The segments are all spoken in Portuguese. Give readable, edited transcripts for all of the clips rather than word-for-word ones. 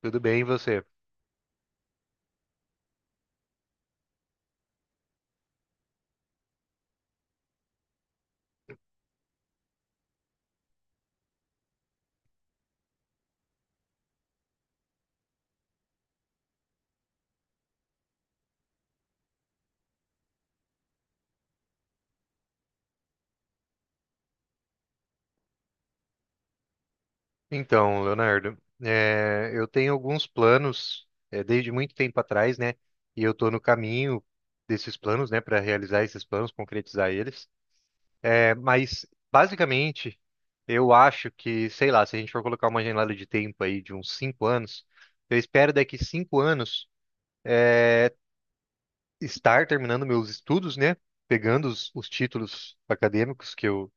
Tudo bem, e você? Então, Leonardo, eu tenho alguns planos, desde muito tempo atrás, né? E eu estou no caminho desses planos, né, para realizar esses planos, concretizar eles. Mas, basicamente, eu acho que, sei lá, se a gente for colocar uma janela de tempo aí de uns 5 anos, eu espero daqui 5 anos estar terminando meus estudos, né? Pegando os títulos acadêmicos que eu,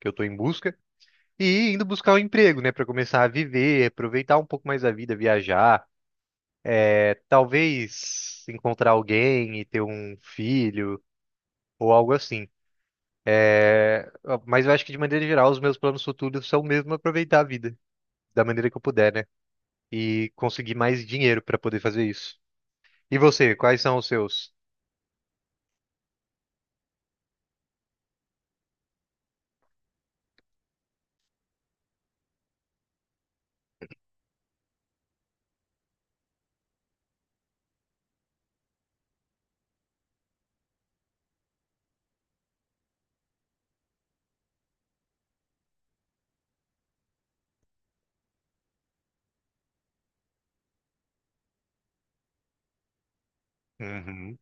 que eu estou em busca. E indo buscar um emprego, né, para começar a viver, aproveitar um pouco mais a vida, viajar, é, talvez encontrar alguém e ter um filho ou algo assim. Ah, mas eu acho que de maneira geral os meus planos futuros são mesmo aproveitar a vida da maneira que eu puder, né, e conseguir mais dinheiro para poder fazer isso. E você, quais são os seus? Uhum.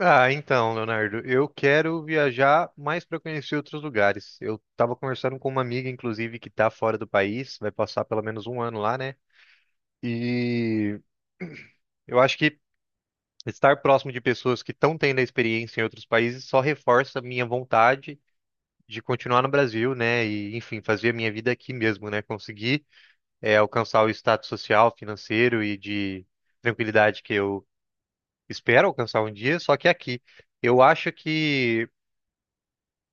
Ah, então, Leonardo, eu quero viajar mais para conhecer outros lugares. Eu estava conversando com uma amiga, inclusive, que está fora do país, vai passar pelo menos 1 ano lá, né? E eu acho que estar próximo de pessoas que estão tendo a experiência em outros países só reforça a minha vontade de continuar no Brasil, né? E, enfim, fazer a minha vida aqui mesmo, né? Conseguir, alcançar o status social, financeiro e de tranquilidade que eu espero alcançar um dia, só que aqui. Eu acho que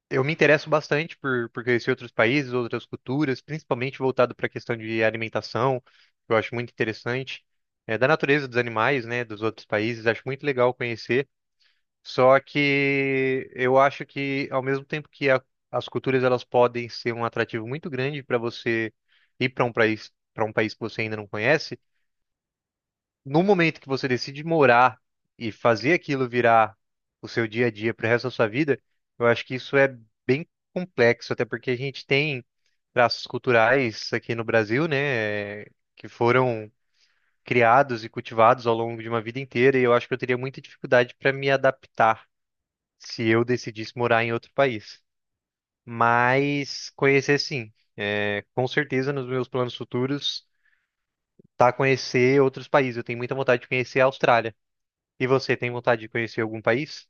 eu me interesso bastante por conhecer outros países, outras culturas, principalmente voltado para a questão de alimentação, que eu acho muito interessante, é, da natureza dos animais, né, dos outros países, acho muito legal conhecer. Só que eu acho que, ao mesmo tempo que as culturas elas podem ser um atrativo muito grande para você ir para um país que você ainda não conhece, no momento que você decide morar e fazer aquilo virar o seu dia a dia para o resto da sua vida, eu acho que isso é bem complexo, até porque a gente tem traços culturais aqui no Brasil, né, que foram criados e cultivados ao longo de uma vida inteira, e eu acho que eu teria muita dificuldade para me adaptar se eu decidisse morar em outro país. Mas conhecer sim. É, com certeza nos meus planos futuros, tá conhecer outros países. Eu tenho muita vontade de conhecer a Austrália. E você tem vontade de conhecer algum país?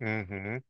Uhum,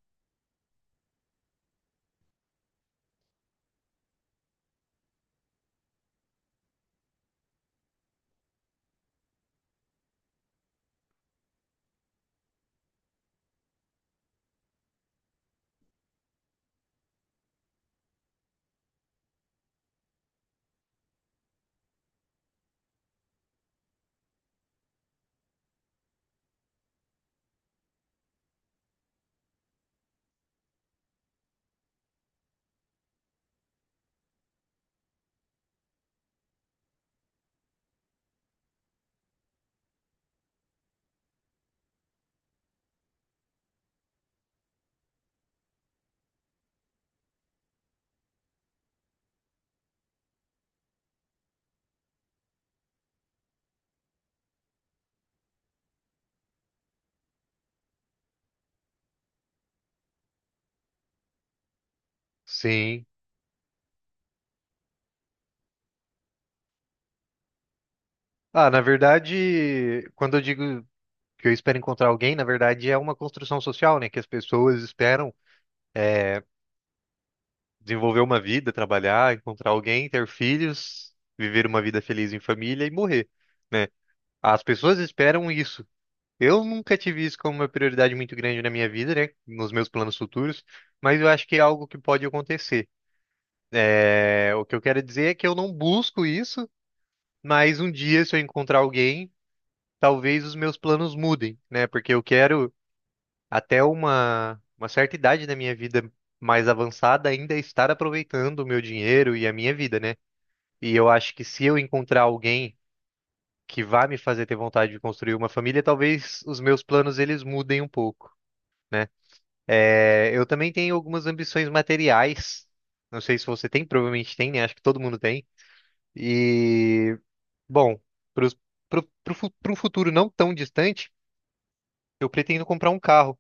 sim. Ah, na verdade, quando eu digo que eu espero encontrar alguém, na verdade é uma construção social, né? Que as pessoas esperam desenvolver uma vida, trabalhar, encontrar alguém, ter filhos, viver uma vida feliz em família e morrer, né? As pessoas esperam isso. Eu nunca tive isso como uma prioridade muito grande na minha vida, né? Nos meus planos futuros, mas eu acho que é algo que pode acontecer. É, o que eu quero dizer é que eu não busco isso. Mas um dia, se eu encontrar alguém, talvez os meus planos mudem, né? Porque eu quero, até uma certa idade da minha vida mais avançada, ainda estar aproveitando o meu dinheiro e a minha vida, né? E eu acho que se eu encontrar alguém que vá me fazer ter vontade de construir uma família, talvez os meus planos eles mudem um pouco, né? É, eu também tenho algumas ambições materiais. Não sei se você tem, provavelmente tem, né? Acho que todo mundo tem. E bom, para o pro, fu- pro futuro não tão distante, eu pretendo comprar um carro.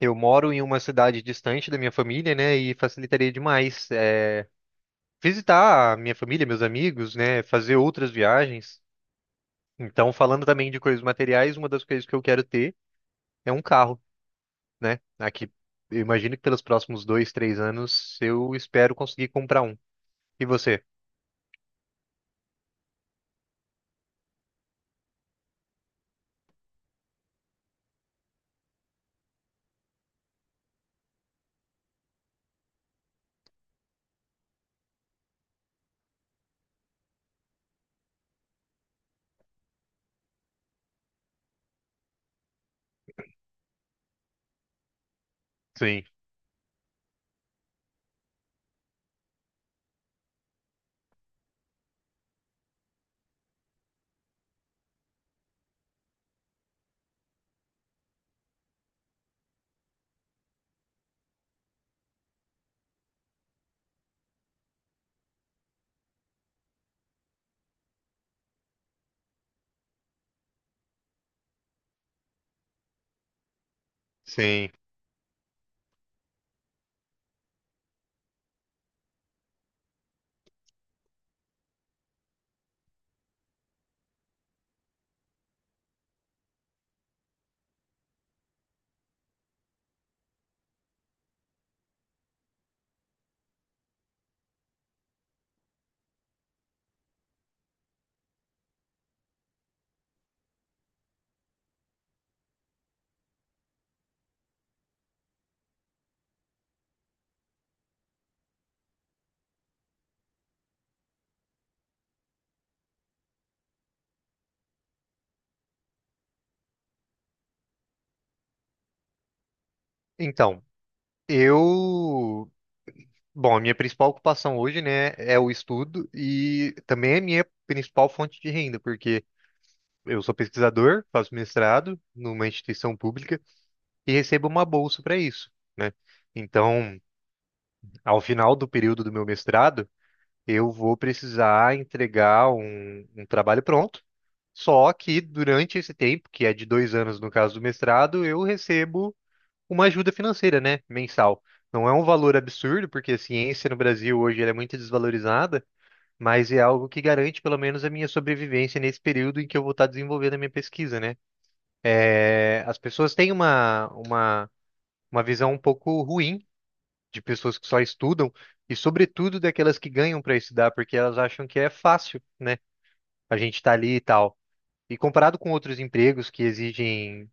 Eu moro em uma cidade distante da minha família, né? E facilitaria demais, visitar a minha família, meus amigos, né? Fazer outras viagens. Então, falando também de coisas materiais, uma das coisas que eu quero ter é um carro, né? Aqui, eu imagino que pelos próximos 2, 3 anos, eu espero conseguir comprar um. E você? Sim, sim. Então, eu Bom, a minha principal ocupação hoje, né, é o estudo e também é a minha principal fonte de renda, porque eu sou pesquisador, faço mestrado numa instituição pública e recebo uma bolsa para isso, né? Então, ao final do período do meu mestrado, eu vou precisar entregar um trabalho pronto. Só que durante esse tempo, que é de 2 anos no caso do mestrado, eu recebo uma ajuda financeira, né, mensal. Não é um valor absurdo, porque a ciência no Brasil hoje ela é muito desvalorizada, mas é algo que garante pelo menos a minha sobrevivência nesse período em que eu vou estar desenvolvendo a minha pesquisa, né? É, as pessoas têm uma visão um pouco ruim de pessoas que só estudam e, sobretudo, daquelas que ganham para estudar, porque elas acham que é fácil, né? A gente tá ali e tal. E comparado com outros empregos que exigem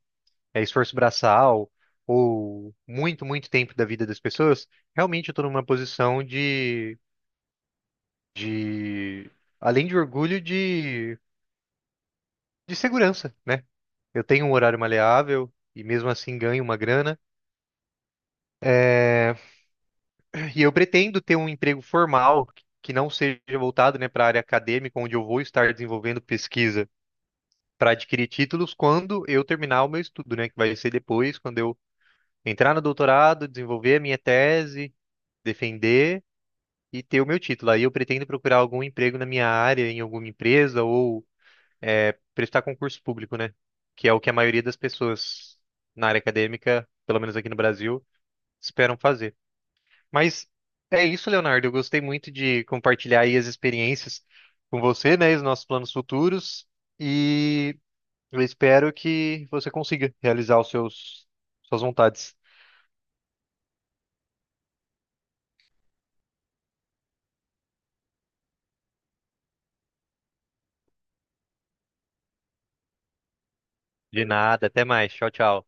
é, esforço braçal ou muito, muito tempo da vida das pessoas, realmente eu estou numa posição de, além de orgulho, de segurança, né? Eu tenho um horário maleável e mesmo assim ganho uma grana. É, e eu pretendo ter um emprego formal que não seja voltado, né, para a área acadêmica, onde eu vou estar desenvolvendo pesquisa para adquirir títulos quando eu terminar o meu estudo, né, que vai ser depois, quando eu entrar no doutorado, desenvolver a minha tese, defender e ter o meu título. Aí eu pretendo procurar algum emprego na minha área, em alguma empresa ou é prestar concurso público, né? Que é o que a maioria das pessoas na área acadêmica, pelo menos aqui no Brasil, esperam fazer. Mas é isso, Leonardo. Eu gostei muito de compartilhar aí as experiências com você, né? Os nossos planos futuros. E eu espero que você consiga realizar os seus, suas vontades. De nada. Até mais. Tchau, tchau.